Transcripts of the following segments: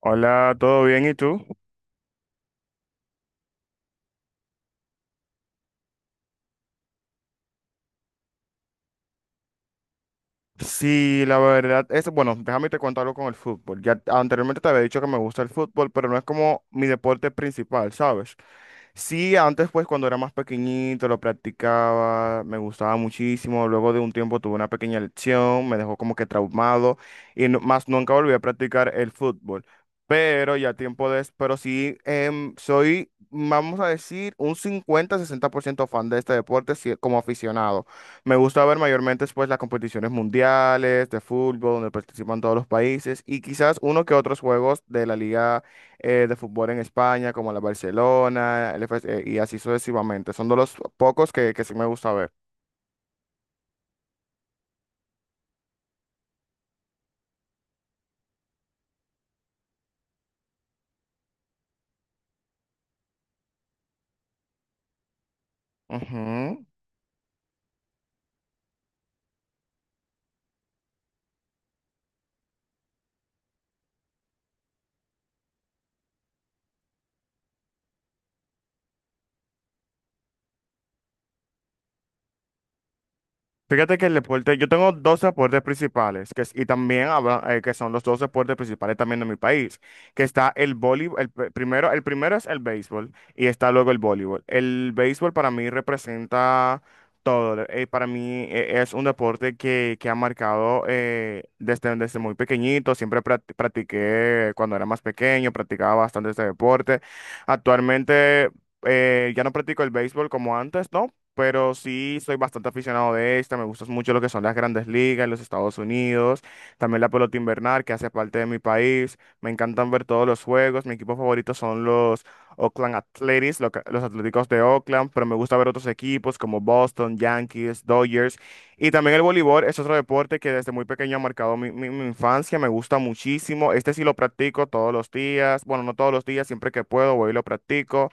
Hola, ¿todo bien? ¿Y tú? Sí, la verdad es, bueno, déjame te contarlo con el fútbol. Ya anteriormente te había dicho que me gusta el fútbol, pero no es como mi deporte principal, ¿sabes? Sí, antes pues cuando era más pequeñito lo practicaba, me gustaba muchísimo, luego de un tiempo tuve una pequeña lesión, me dejó como que traumado y más nunca volví a practicar el fútbol. Pero ya tiempo de, pero sí, soy, vamos a decir, un 50, 60% fan de este deporte sí, como aficionado. Me gusta ver mayormente pues, las competiciones mundiales de fútbol donde participan todos los países y quizás uno que otros juegos de la liga de fútbol en España como la Barcelona el FS, y así sucesivamente. Son de los pocos que sí me gusta ver. Ujú. Fíjate que el deporte, yo tengo dos deportes principales, que, es- y también habla- que son los dos deportes principales también de mi país, que está el voleibol, el primero es el béisbol y está luego el voleibol. El béisbol para mí representa todo, para mí es un deporte que ha marcado desde muy pequeñito, siempre practiqué cuando era más pequeño, practicaba bastante este deporte. Actualmente ya no practico el béisbol como antes, ¿no? Pero sí soy bastante aficionado de esta, me gustan mucho lo que son las grandes ligas en los Estados Unidos, también la pelota invernal que hace parte de mi país, me encantan ver todos los juegos, mi equipo favorito son los Oakland Athletics, los Atléticos de Oakland, pero me gusta ver otros equipos como Boston, Yankees, Dodgers, y también el voleibol es otro deporte que desde muy pequeño ha marcado mi infancia, me gusta muchísimo, este sí lo practico todos los días, bueno, no todos los días, siempre que puedo voy y lo practico.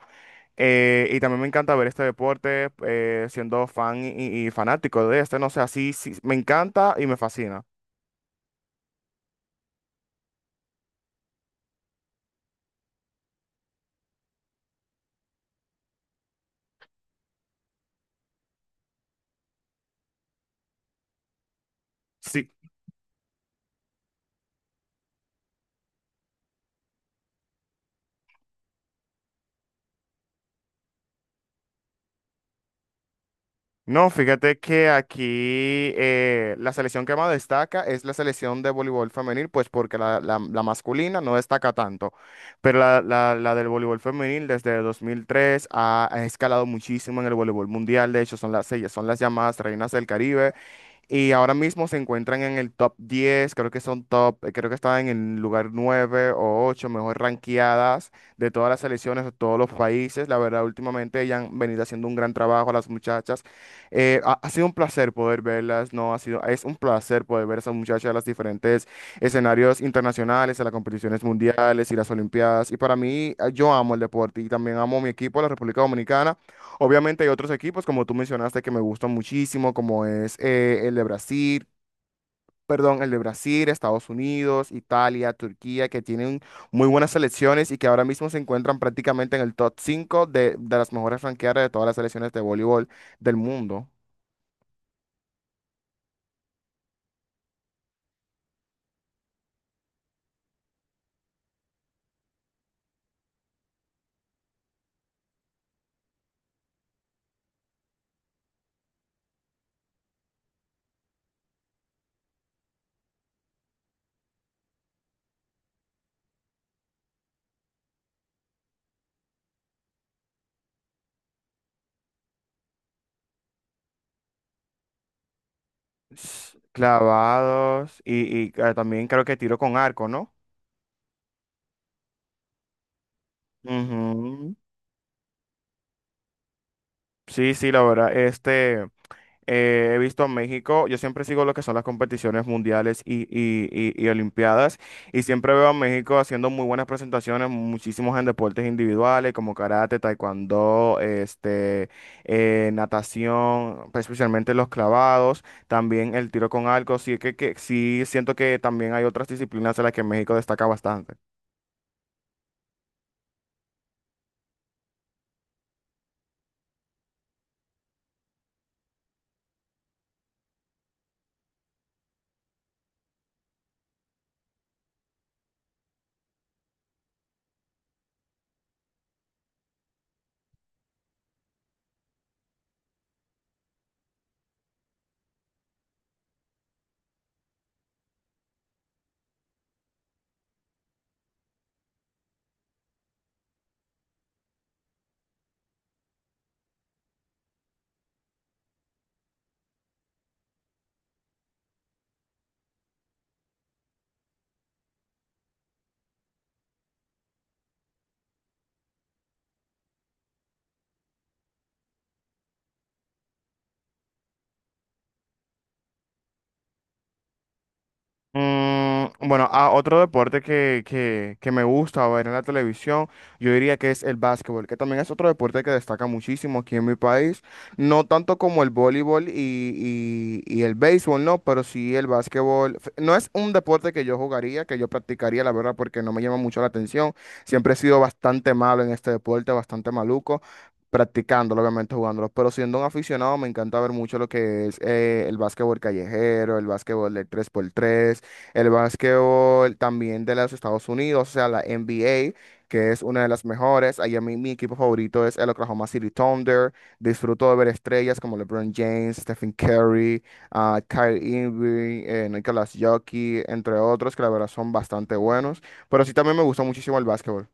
Y también me encanta ver este deporte, siendo fan y fanático de este, no sé, así sí, me encanta y me fascina. Sí. No, fíjate que aquí la selección que más destaca es la selección de voleibol femenil, pues porque la masculina no destaca tanto, pero la del voleibol femenil desde 2003 ha escalado muchísimo en el voleibol mundial, de hecho son ellas son las llamadas reinas del Caribe. Y ahora mismo se encuentran en el top 10, creo que son top, creo que están en el lugar 9 o ocho, mejor ranqueadas de todas las selecciones de todos los países. La verdad, últimamente ellas han venido haciendo un gran trabajo, las muchachas. Ha sido un placer poder verlas, ¿no? Ha sido, es un placer poder ver a esas muchachas en los diferentes escenarios internacionales, en las competiciones mundiales y las Olimpiadas. Y para mí, yo amo el deporte y también amo mi equipo, la República Dominicana. Obviamente hay otros equipos, como tú mencionaste, que me gustan muchísimo, como es el de Brasil, perdón, el de Brasil, Estados Unidos, Italia, Turquía, que tienen muy buenas selecciones y que ahora mismo se encuentran prácticamente en el top 5 de las mejores franqueadas de todas las selecciones de voleibol del mundo. Clavados y también creo que tiro con arco, ¿no? Ujú. Sí, sí, la verdad. He visto a México, yo siempre sigo lo que son las competiciones mundiales y olimpiadas y siempre veo a México haciendo muy buenas presentaciones, muchísimos en deportes individuales como karate, taekwondo, natación, pues, especialmente los clavados, también el tiro con arco, sí que sí siento que también hay otras disciplinas en las que México destaca bastante. Bueno, a otro deporte que me gusta ver en la televisión, yo diría que es el básquetbol, que también es otro deporte que destaca muchísimo aquí en mi país, no tanto como el voleibol y el béisbol, no, pero sí el básquetbol. No es un deporte que yo jugaría, que yo practicaría, la verdad, porque no me llama mucho la atención. Siempre he sido bastante malo en este deporte, bastante maluco practicándolo, obviamente jugándolo, pero siendo un aficionado me encanta ver mucho lo que es el básquetbol callejero, el básquetbol del tres por tres, el básquetbol también de los Estados Unidos, o sea, la NBA, que es una de las mejores. Allá mi, mi equipo favorito es el Oklahoma City Thunder. Disfruto de ver estrellas como LeBron James, Stephen Curry, Kyrie Irving, Nikola Jokic, entre otros, que la verdad son bastante buenos. Pero sí también me gusta muchísimo el básquetbol.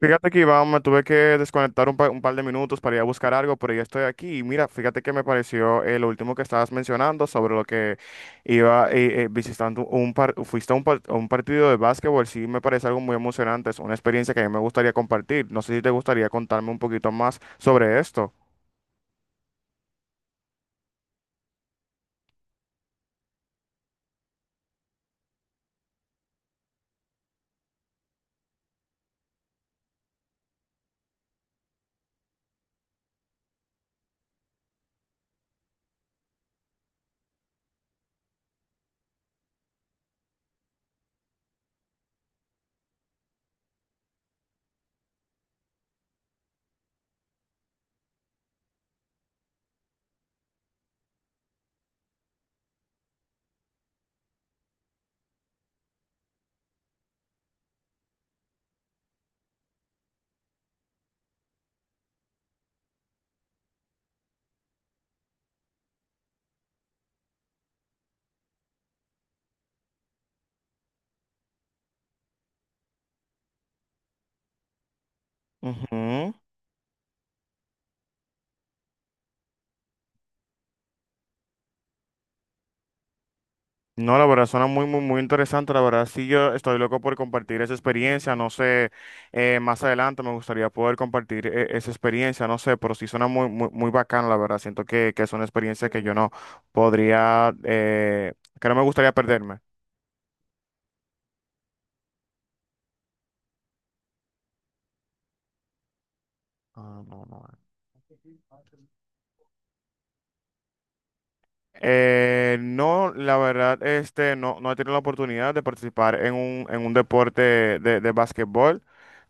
Fíjate que Iván, me tuve que desconectar un par de minutos para ir a buscar algo, pero ya estoy aquí. Y mira, fíjate que me pareció lo último que estabas mencionando sobre lo que iba visitando un par, fuiste a un partido de básquetbol. Sí, me parece algo muy emocionante. Es una experiencia que a mí me gustaría compartir. No sé si te gustaría contarme un poquito más sobre esto. No, la verdad suena muy, muy, muy interesante. La verdad, sí, yo estoy loco por compartir esa experiencia. No sé, más adelante me gustaría poder compartir esa experiencia. No sé, pero sí suena muy, muy, muy bacana, la verdad. Siento que es una experiencia que yo no podría, que no me gustaría perderme. Ah, no, no. No, la verdad, no, no he tenido la oportunidad de participar en un deporte de básquetbol,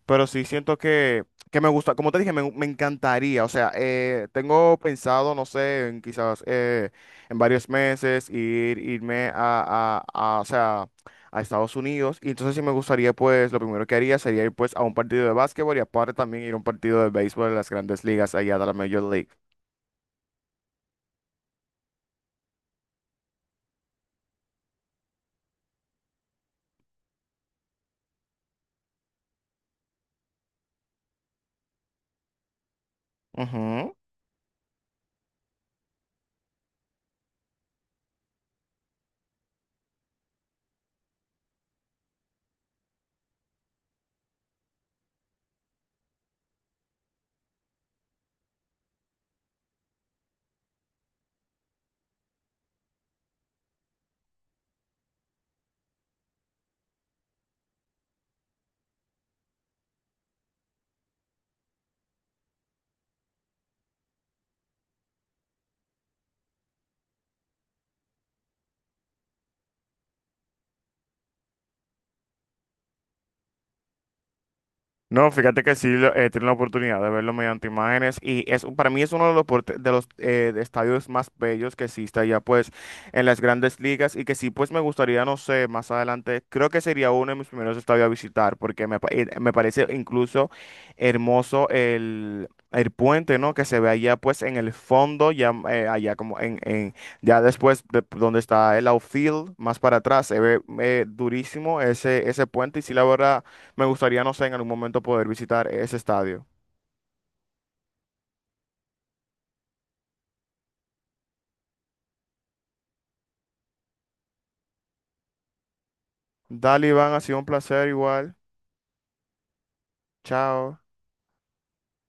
pero sí siento que me gusta, como te dije, me encantaría, o sea, tengo pensado, no sé, en quizás en varios meses ir, irme a, o sea, a Estados Unidos, y entonces sí me gustaría, pues, lo primero que haría sería ir, pues, a un partido de básquetbol y aparte también ir a un partido de béisbol de las grandes ligas allá de la Major League. Ujú. No, fíjate que sí tiene la oportunidad de verlo mediante imágenes y es para mí es uno de los, de los de estadios más bellos que existe allá pues en las grandes ligas y que sí pues me gustaría, no sé, más adelante, creo que sería uno de mis primeros estadios a visitar porque me parece incluso hermoso el puente, ¿no? Que se ve allá pues en el fondo, ya allá como ya después de donde está el outfield, más para atrás, se ve durísimo ese puente y sí la verdad. Me gustaría, no sé, en algún momento poder visitar ese estadio. Dale, Iván, ha sido un placer igual. Chao.